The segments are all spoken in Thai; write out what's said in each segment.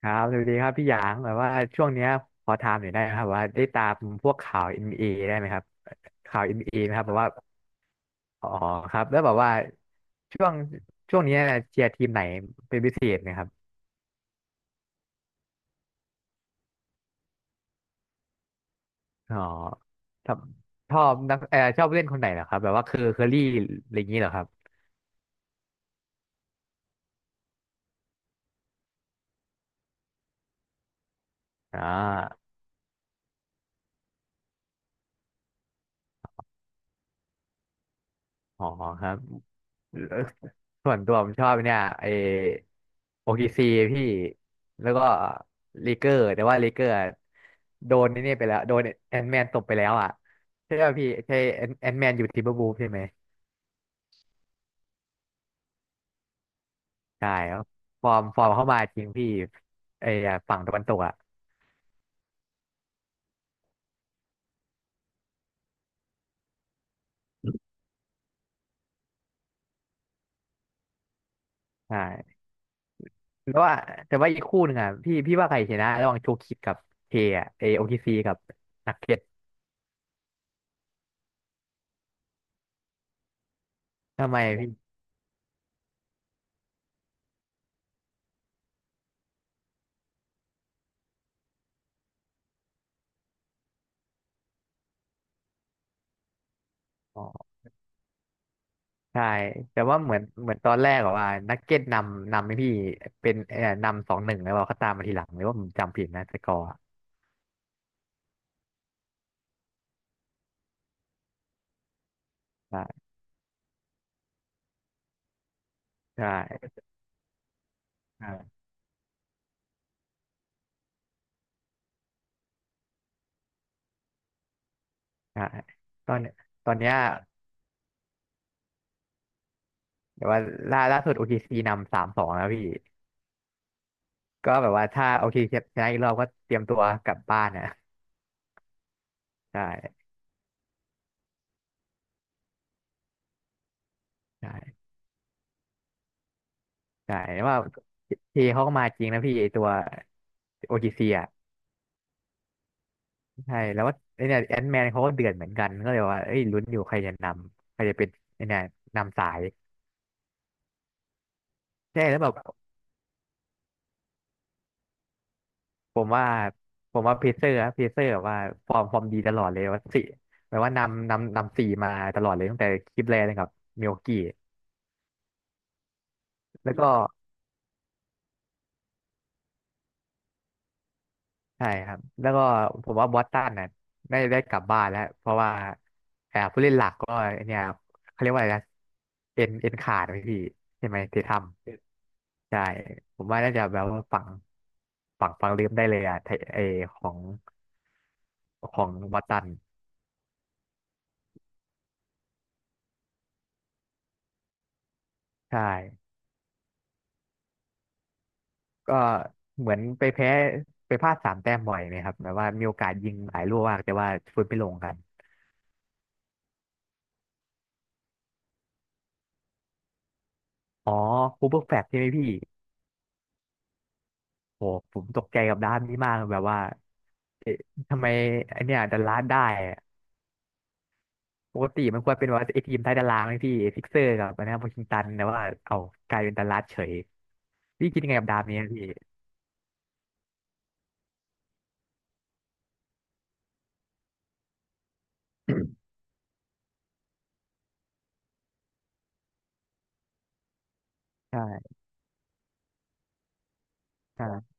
ครับสวัสดีครับพี่หยางแบบว่าช่วงเนี้ยขอถามหน่อยได้ไหมครับว่าได้ตามพวกข่าว NBA ได้ไหมครับข่าว n b อไหมครับแบบว่าอ๋อครับแล้วแบบว่าช่วงช่วงเนี้ยเชียร์ทีมไหนเป็นพิเศษไหมครับอ๋อชอบชอบนักชอบผู้เล่นคนไหนเหรอครับแบบว่าคือเคอรี่อะไรอย่างนี้เหรอครับอ่า อ๋อครับเอ่อส่วนตัวผมชอบเนี่ยไอโอเคซีพี่แล้วก็ลีเกอร์แต่ว่าลีเกอร์อะโดนนี่ไปแล้วโดนแอนแมนตบไปแล้วอ่ะใช่ป่ะพี่ใช่แอนแมนอยู่ทิมเบอร์วูฟใช่ไหมใช่ครับฟอร์มเข้ามาจริงพี่ไออะฝั่งตะวันตกอ่ะใช่แล้วว่าแต่ว่าอีกคู่หนึ่งอ่ะพี่ว่าใครชนะระหว่างโชคิดกับเคอะไอโอเคซีกับนักเก็ตทำไมพี่ ใช่ แต่ว่าเหมือนตอนแรกอะว่านักเก็ตนำให้พี่เป็นนำสองหนึ่งแล้วเขาตามมาทีหลังหรือว่าผมจำผิดนะสกอร์อะใช่ใช่ใช่าใช่ตอนตอนเนี้ยแต่ว่าล่าสุด o ซ c นำสามสองแล้วพี่ก็แบบว่าถ้า OKC ชนะอีกรอบก็เตรียมตัวกลับบ้านนะใช่ใช่ใช่แต่ว่าเทเขาก็มาจริงนะพี่ไอตัว o ซ c อ่ะใช่แล้วว่าไอเนี่ยแอนแมนเขาก็เดือดเหมือนกันก็เลยว่าเอ้ยลุ้นอยู่ใครจะนำใครจะเป็นไอเนี่ยนำสาย ใช่แล้วแบบผมว่าผมว่าเพเซอร์แบบว่าฟอร์มดีตลอดเลยว่าสี่แปลว่านำสี่มาตลอดเลยตั้งแต่คลิปแรกเลยรับมิวกี้แล้วก็ใช่ครับแล้วก็ผมว่าบอสตันน่ะได้กลับบ้านแล้วเพราะว่าอ่ผู้เล่นหลักก็เนี่ยเขาเรียกว่าอะไรนะเอ็นขาดไหมพี่ใช่ไหมทีททำใช่ผมว่าน่าจะแบบว่าฝังลืมได้เลยอ่ะไทไอของของบอสตันใช่ ก็เหมือนไปแพ้ไปพลาดสามแต้มบ่อยไหมครับแบบว่ามีโอกาสยิงหลายลูกมากแต่ว่าฟุตไม่ลงกัน อ๋อคูเปอร์แฟลชใช่ไหมพี่โหผมตกใจกับด้านนี้มากแบบว่าเอ๊ะทำไมไอเนี่ยดัลลาสได้อะปกติมันควรเป็นว่าไอทีมใตยตารางไอพี่ซิกเซอร์กับอันนะวอชิงตันแต่ว่าเอากลายเป็นดัลลาสเฉยพี่คิดยังไงกับดาบนี้อะพี่ ใช่ใช่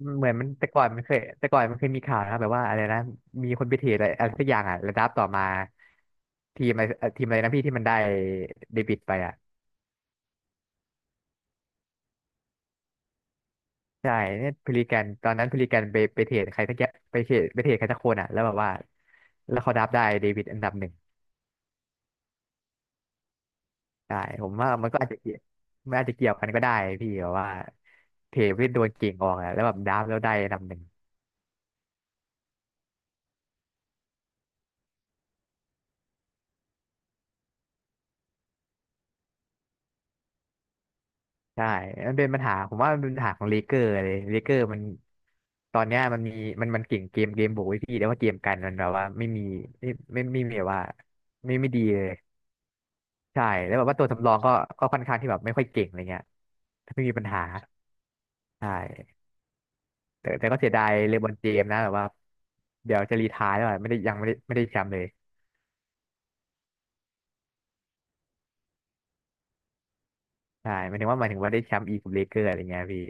เหมือนมันแต่ก่อนมันเคยแต่ก่อนมันเคยมีข่าวนะครับแบบว่าอะไรนะมีคนไปเทรดอะไรอะไรสักอย่างอ่ะแล้วดับต่อมาทีมอะไรทีมอะไรนะพี่ที่มันได้เดบิตไปอ่ะใช่เนี่ยพลิแกนตอนนั้นพลิแกนไปเทรดใครสักอย่างไปเทรดใครสักคนอ่ะแล้วแบบว่าแล้วเขาดับได้เดบิตอันดับหนึ่งใช่ผมว่ามันก็อาจจะเกี่ยวมันอาจจะเกี่ยวกันก็ได้พี่แบบว่าเทรดไปโดนเก่งออกอ่ะแล้วแบบดับแล้วได้อันดับหนึ่ง ใช่มันเป็นปัญหาผมว่ามันเป็นปัญหาของเลเกอร์มันตอนเนี้ยมันมีมันเก่งเกมบุกไว้พี่แต่ว่าเกมกันมันแบบว่าไม่มีไม่ไม่มีแบบว่าไม่ดีเลยใช่แล้วแบบว่าตัวสำรองก็ก็ค่อนข้างที่แบบไม่ค่อยเก่งอะไรเงี้ยไม่มีปัญหาใช่แต่แต่ก็เสียดายเลบรอนเจมส์นะแบบว่าเดี๋ยวจะรีไทร์แล้วอะไม่ได้ยังไม่ได้แชมป์เลยใช่หมายถึงว่าได้แชมป์อีกกับเลเกอร์อะไรเงี้ยพี่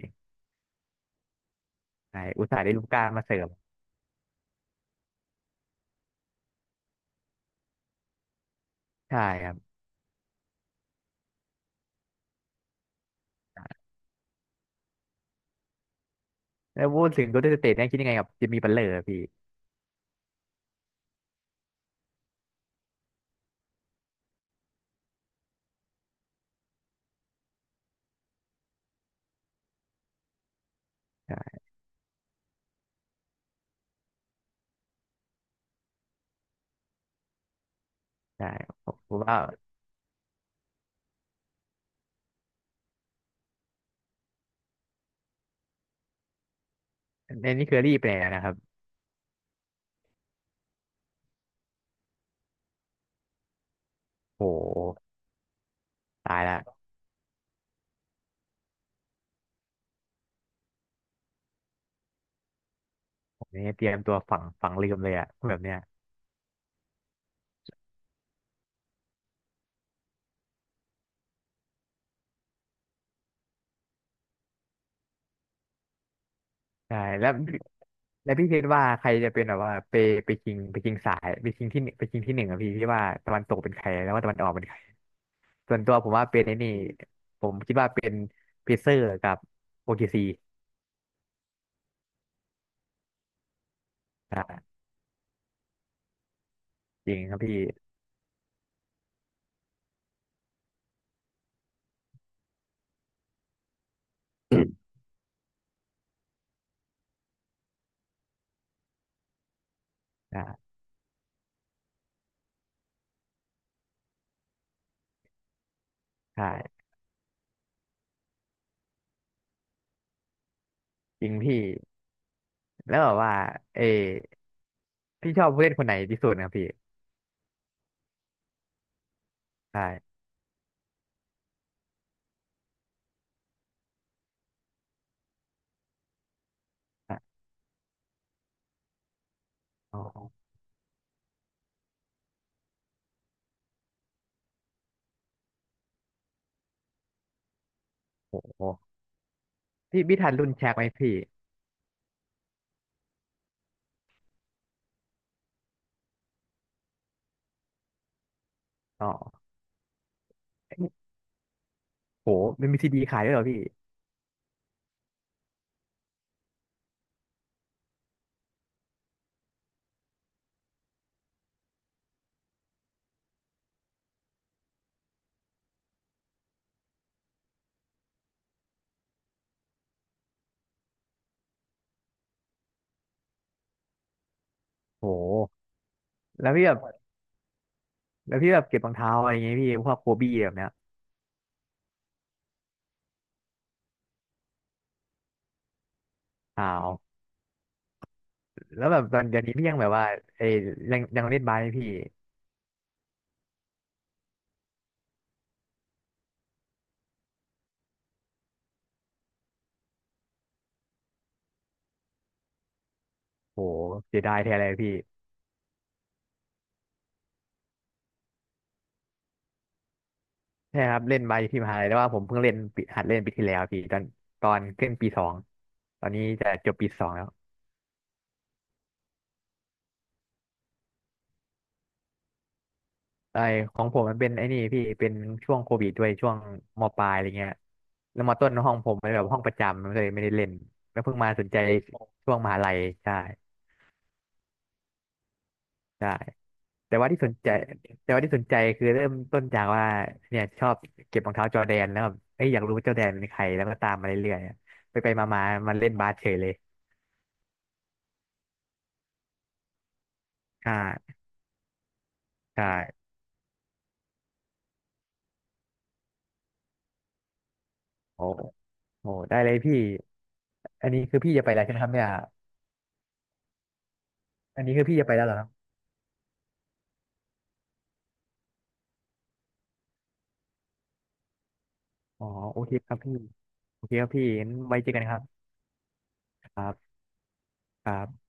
ใช่อุตส่าห์ได้ลูก้ามาเสริมใช่ครับแล้วพูดถึงโกลเด้นสเตทเนี่ยคิดยังไงกับจิมมี่บัตเลอร์พี่ ใช่ผมว่าในนี่เคอรี่ไปแล้วนะครับโอ้โหตายละผมนี่เตรียมตัวฝังลืมเลยอะแบบเนี้ยใช่แล้วแล้วพี่คิดว่าใครจะเป็นแบบว่าไปไปชิงไปชิงสายไปกิงที่หนึ่งไปชิงที่หนึ่งอะพี่พี่ว่าตะวันตกเป็นใครแล้วว่าตะวันออกเป็นใครส่วนตัวผมว่าเป็นไอ้นี่ผมคิดว่าเป็นเพเซอร์กับโอเคซีอ่าจริงครับพี่อ่าใช่จริงพี่แล้วแบบว่าเออพี่ชอบผู้เล่นคนไหนที่สุดนะครับพี่ใช่อ่ะอ๋อโอ้โห พี่ทันรุ่นแชกไหมพี่อ๋อโหมันมีซีดีขายด้วยเหรอพี่โหแล้วพี่แบบแล้วพี่แบบเก็บรองเท้าอะไรอย่างเงี้ยพี่พวกโคบี้แบบเนี้ยอ้าวแล้วแบบตอนเดี๋ยวนี้พี่ยังแบบว่าเอ้ยยังเล่นบาสไหมพี่โหเสียดายแทนเลยพี่ใช่ครับเล่นบาสอยู่ที่มหาลัยแต่ว่าผมเพิ่งเล่นปีหัดเล่นปีที่แล้วพี่ตอนขึ้นปีสองตอนนี้จะจบปีสองแล้ว ไอของผมมันเป็นไอ้นี่พี่เป็นช่วงโควิดด้วยช่วงมปลายอะไรเงี้ยแล้วมต้นห้องผมเป็นแบบห้องประจำมันเลยไม่ได้เล่นแล้วเพิ่งมาสนใจช่วงมหาลัยใช่ใช่แต่ว่าที่สนใจแต่ว่าที่สนใจคือเริ่มต้นจากว่าเนี่ยชอบเก็บรองเท้าจอร์แดนแล้วแบบเอ้ยอยากรู้ว่าจอร์แดนเป็นใครแล้วก็ตามมาเรื่อยๆไปมามันเล่นบาสเฉยเลยใช่ใช่โอ้โหได้เลยพี่อันนี้คือพี่จะไปแล้วใช่ไหมครับเนี่ยอันนี้คือพี่จะไปแล้วเหรอ อ๋อโอเคครับพี่โอเคครับพี่งั้นไว้เจอกันครับครับครับ